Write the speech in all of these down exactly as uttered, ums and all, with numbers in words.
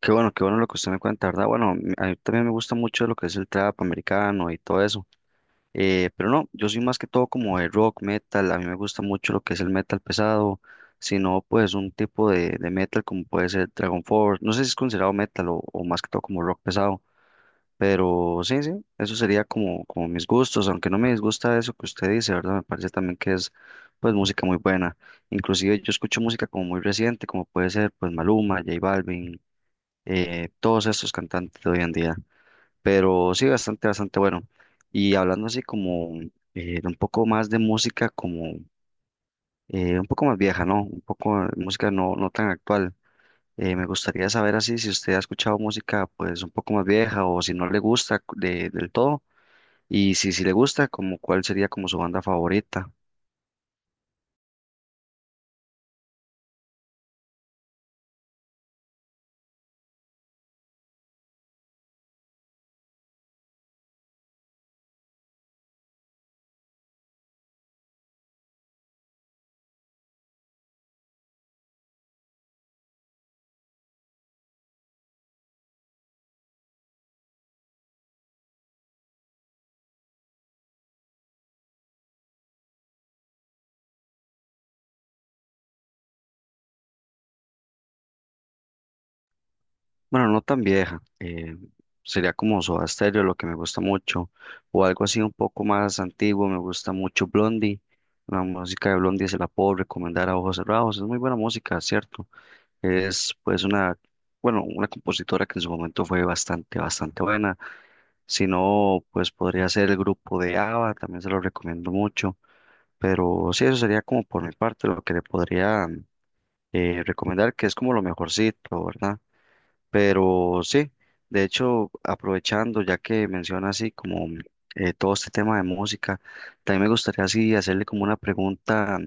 Qué bueno, qué bueno lo que usted me cuenta, ¿verdad? Bueno, m- a mí también me gusta mucho lo que es el trap americano y todo eso. Eh, pero no, yo soy más que todo como de rock, metal. A mí me gusta mucho lo que es el metal pesado, sino pues un tipo de, de metal como puede ser Dragon Force. No sé si es considerado metal o, o más que todo como rock pesado, pero sí, sí, eso sería como, como mis gustos, aunque no me disgusta eso que usted dice, ¿verdad? Me parece también que es pues música muy buena. Inclusive yo escucho música como muy reciente, como puede ser pues Maluma, J Balvin, eh, todos estos cantantes de hoy en día, pero sí, bastante, bastante bueno. Y hablando así como eh, de un poco más de música, como eh, un poco más vieja, ¿no? Un poco de música no, no tan actual. Eh, me gustaría saber así si usted ha escuchado música pues un poco más vieja o si no le gusta de- del todo y si, si le gusta, como cuál sería como su banda favorita. Bueno, no tan vieja. Eh, sería como Soda Stereo, lo que me gusta mucho. O algo así un poco más antiguo. Me gusta mucho Blondie. La música de Blondie se la puedo recomendar a ojos cerrados. Es muy buena música, ¿cierto? Es pues una, bueno, una compositora que en su momento fue bastante, bastante buena. Si no, pues podría ser el grupo de ABBA, también se lo recomiendo mucho. Pero sí, eso sería como por mi parte lo que le podría eh, recomendar, que es como lo mejorcito, ¿verdad? Pero sí, de hecho, aprovechando, ya que menciona así como mm, eh, todo este tema de música, también me gustaría así hacerle como una pregunta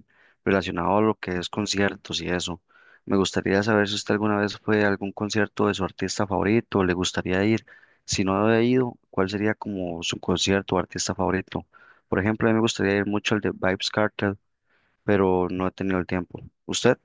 relacionada a lo que es conciertos y eso. Me gustaría saber si usted alguna vez fue a algún concierto de su artista favorito, le gustaría ir. Si no ha ido, ¿cuál sería como su concierto o artista favorito? Por ejemplo, a mí me gustaría ir mucho al de Vybz Kartel, pero no he tenido el tiempo. ¿Usted?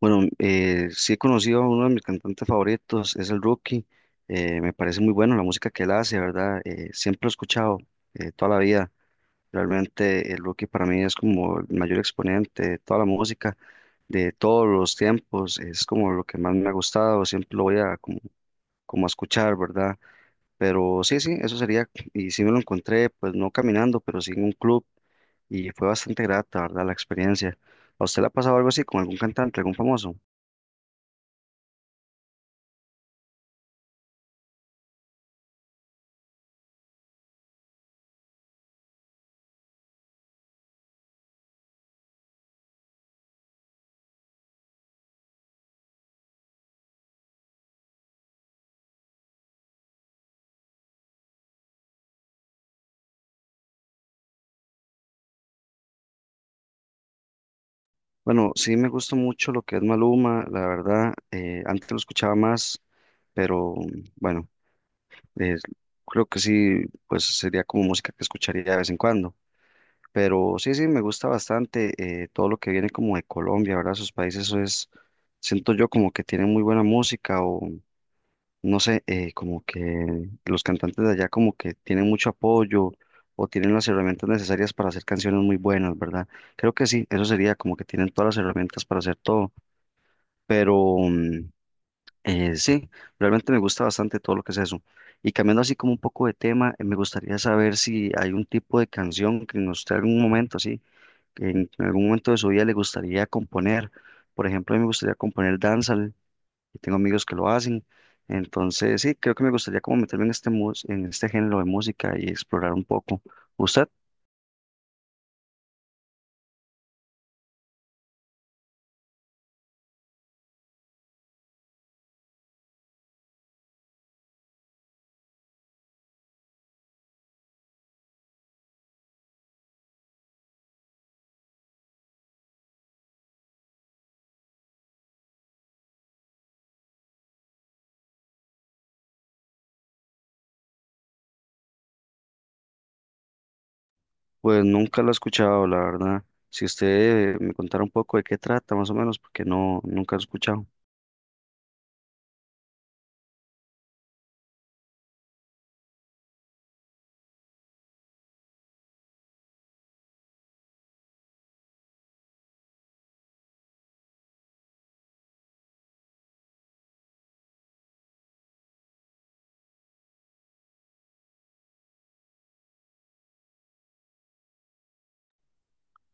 Bueno, eh, sí he conocido a uno de mis cantantes favoritos, es el Rookie. Eh, me parece muy bueno la música que él hace, ¿verdad? Eh, siempre lo he escuchado, eh, toda la vida. Realmente el Rookie para mí es como el mayor exponente de toda la música, de todos los tiempos. Es como lo que más me ha gustado, siempre lo voy a como, como a escuchar, ¿verdad? Pero sí, sí, eso sería. Y sí me lo encontré, pues no caminando, pero sí en un club y fue bastante grata, ¿verdad? La experiencia. ¿A usted le ha pasado algo así con algún cantante, algún famoso? Bueno, sí me gusta mucho lo que es Maluma, la verdad, eh, antes lo escuchaba más, pero bueno, eh, creo que sí, pues sería como música que escucharía de vez en cuando. Pero sí, sí, me gusta bastante, eh, todo lo que viene como de Colombia, ¿verdad? Sus países, eso es, siento yo como que tienen muy buena música o no sé, eh, como que los cantantes de allá como que tienen mucho apoyo o tienen las herramientas necesarias para hacer canciones muy buenas, ¿verdad? Creo que sí, eso sería como que tienen todas las herramientas para hacer todo. Pero mm, eh, sí, realmente me gusta bastante todo lo que es eso. Y cambiando así como un poco de tema, eh, me gustaría saber si hay un tipo de canción que en usted algún momento, sí, que en, en algún momento de su vida le gustaría componer. Por ejemplo, a mí me gustaría componer dancehall, y tengo amigos que lo hacen. Entonces, sí, creo que me gustaría como meterme en este, mus- en este género de música y explorar un poco. ¿Usted? Pues nunca lo he escuchado, la verdad. Si usted eh, me contara un poco de qué trata, más o menos, porque no, nunca lo he escuchado.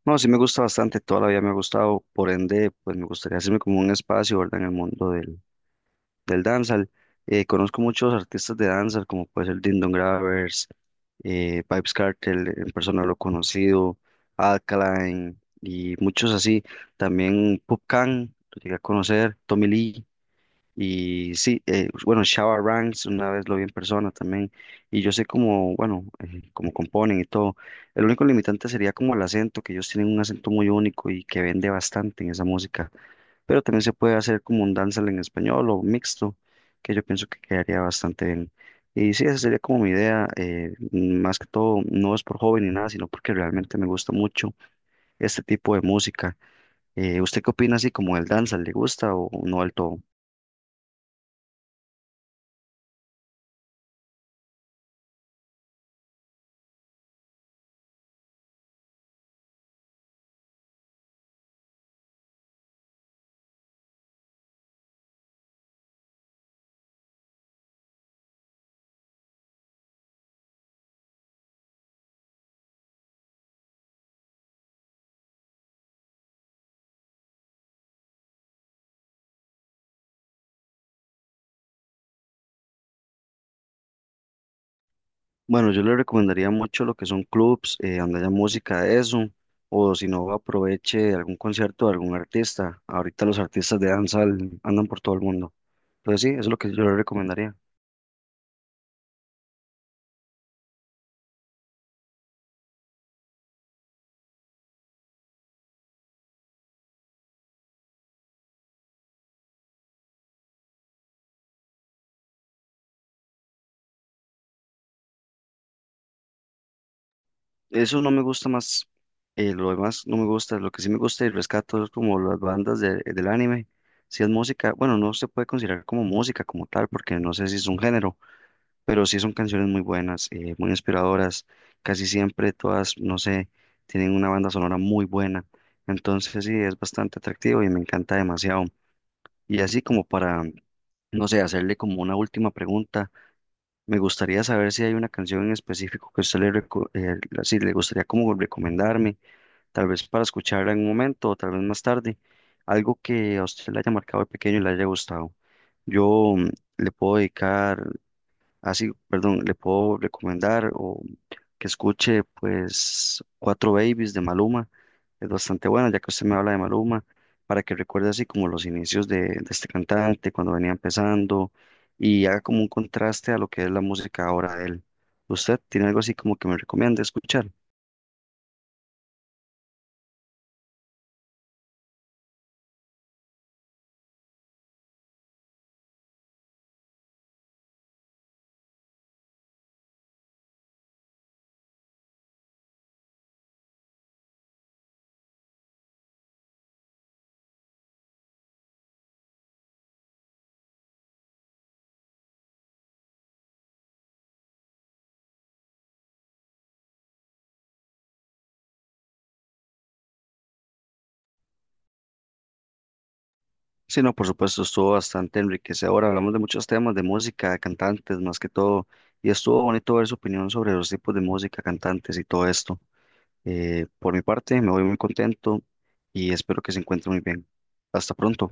No, sí me gusta bastante, toda la vida me ha gustado, por ende, pues me gustaría hacerme como un espacio, ¿verdad? En el mundo del, del dancehall. Eh, conozco muchos artistas de danza, como puede ser Dindon Gravers, eh, Vybz Kartel, en persona lo he conocido, Alkaline y muchos así. También Pup Kang, lo llegué a conocer, Tommy Lee. Y sí, eh, bueno, Shabba Ranks una vez lo vi en persona también, y yo sé cómo, bueno, eh, cómo componen y todo. El único limitante sería como el acento, que ellos tienen un acento muy único y que vende bastante en esa música, pero también se puede hacer como un dancehall en español o mixto, que yo pienso que quedaría bastante bien. Y sí, esa sería como mi idea, eh, más que todo, no es por joven ni nada, sino porque realmente me gusta mucho este tipo de música. Eh, ¿usted qué opina así como el dancehall? ¿Le gusta o no del todo? Bueno, yo le recomendaría mucho lo que son clubs, eh, donde haya música de eso, o si no, aproveche algún concierto de algún artista. Ahorita los artistas de danza al- andan por todo el mundo. Entonces sí, eso es lo que yo le recomendaría. Eso no me gusta más, eh, lo demás no me gusta, lo que sí me gusta y rescato es como las bandas de- del anime. Si es música, bueno, no se puede considerar como música como tal, porque no sé si es un género, pero sí son canciones muy buenas, eh, muy inspiradoras, casi siempre todas, no sé, tienen una banda sonora muy buena, entonces sí, es bastante atractivo y me encanta demasiado. Y así como para, no sé, hacerle como una última pregunta, me gustaría saber si hay una canción en específico que usted le, reco- eh, sí, le gustaría como recomendarme, tal vez para escucharla en un momento o tal vez más tarde, algo que a usted le haya marcado de pequeño y le haya gustado. Yo mm, le puedo dedicar Así, Perdón, le puedo recomendar o que escuche pues Cuatro Babies de Maluma. Es bastante buena, ya que usted me habla de Maluma, para que recuerde así como los inicios de, de este cantante, cuando venía empezando, y haga como un contraste a lo que es la música ahora de él. ¿Usted tiene algo así como que me recomienda escuchar? Sí, no, por supuesto, estuvo bastante enriquecedor. Hablamos de muchos temas, de música, de cantantes más que todo, y estuvo bonito ver su opinión sobre los tipos de música, cantantes y todo esto. Eh, por mi parte, me voy muy contento y espero que se encuentre muy bien. Hasta pronto.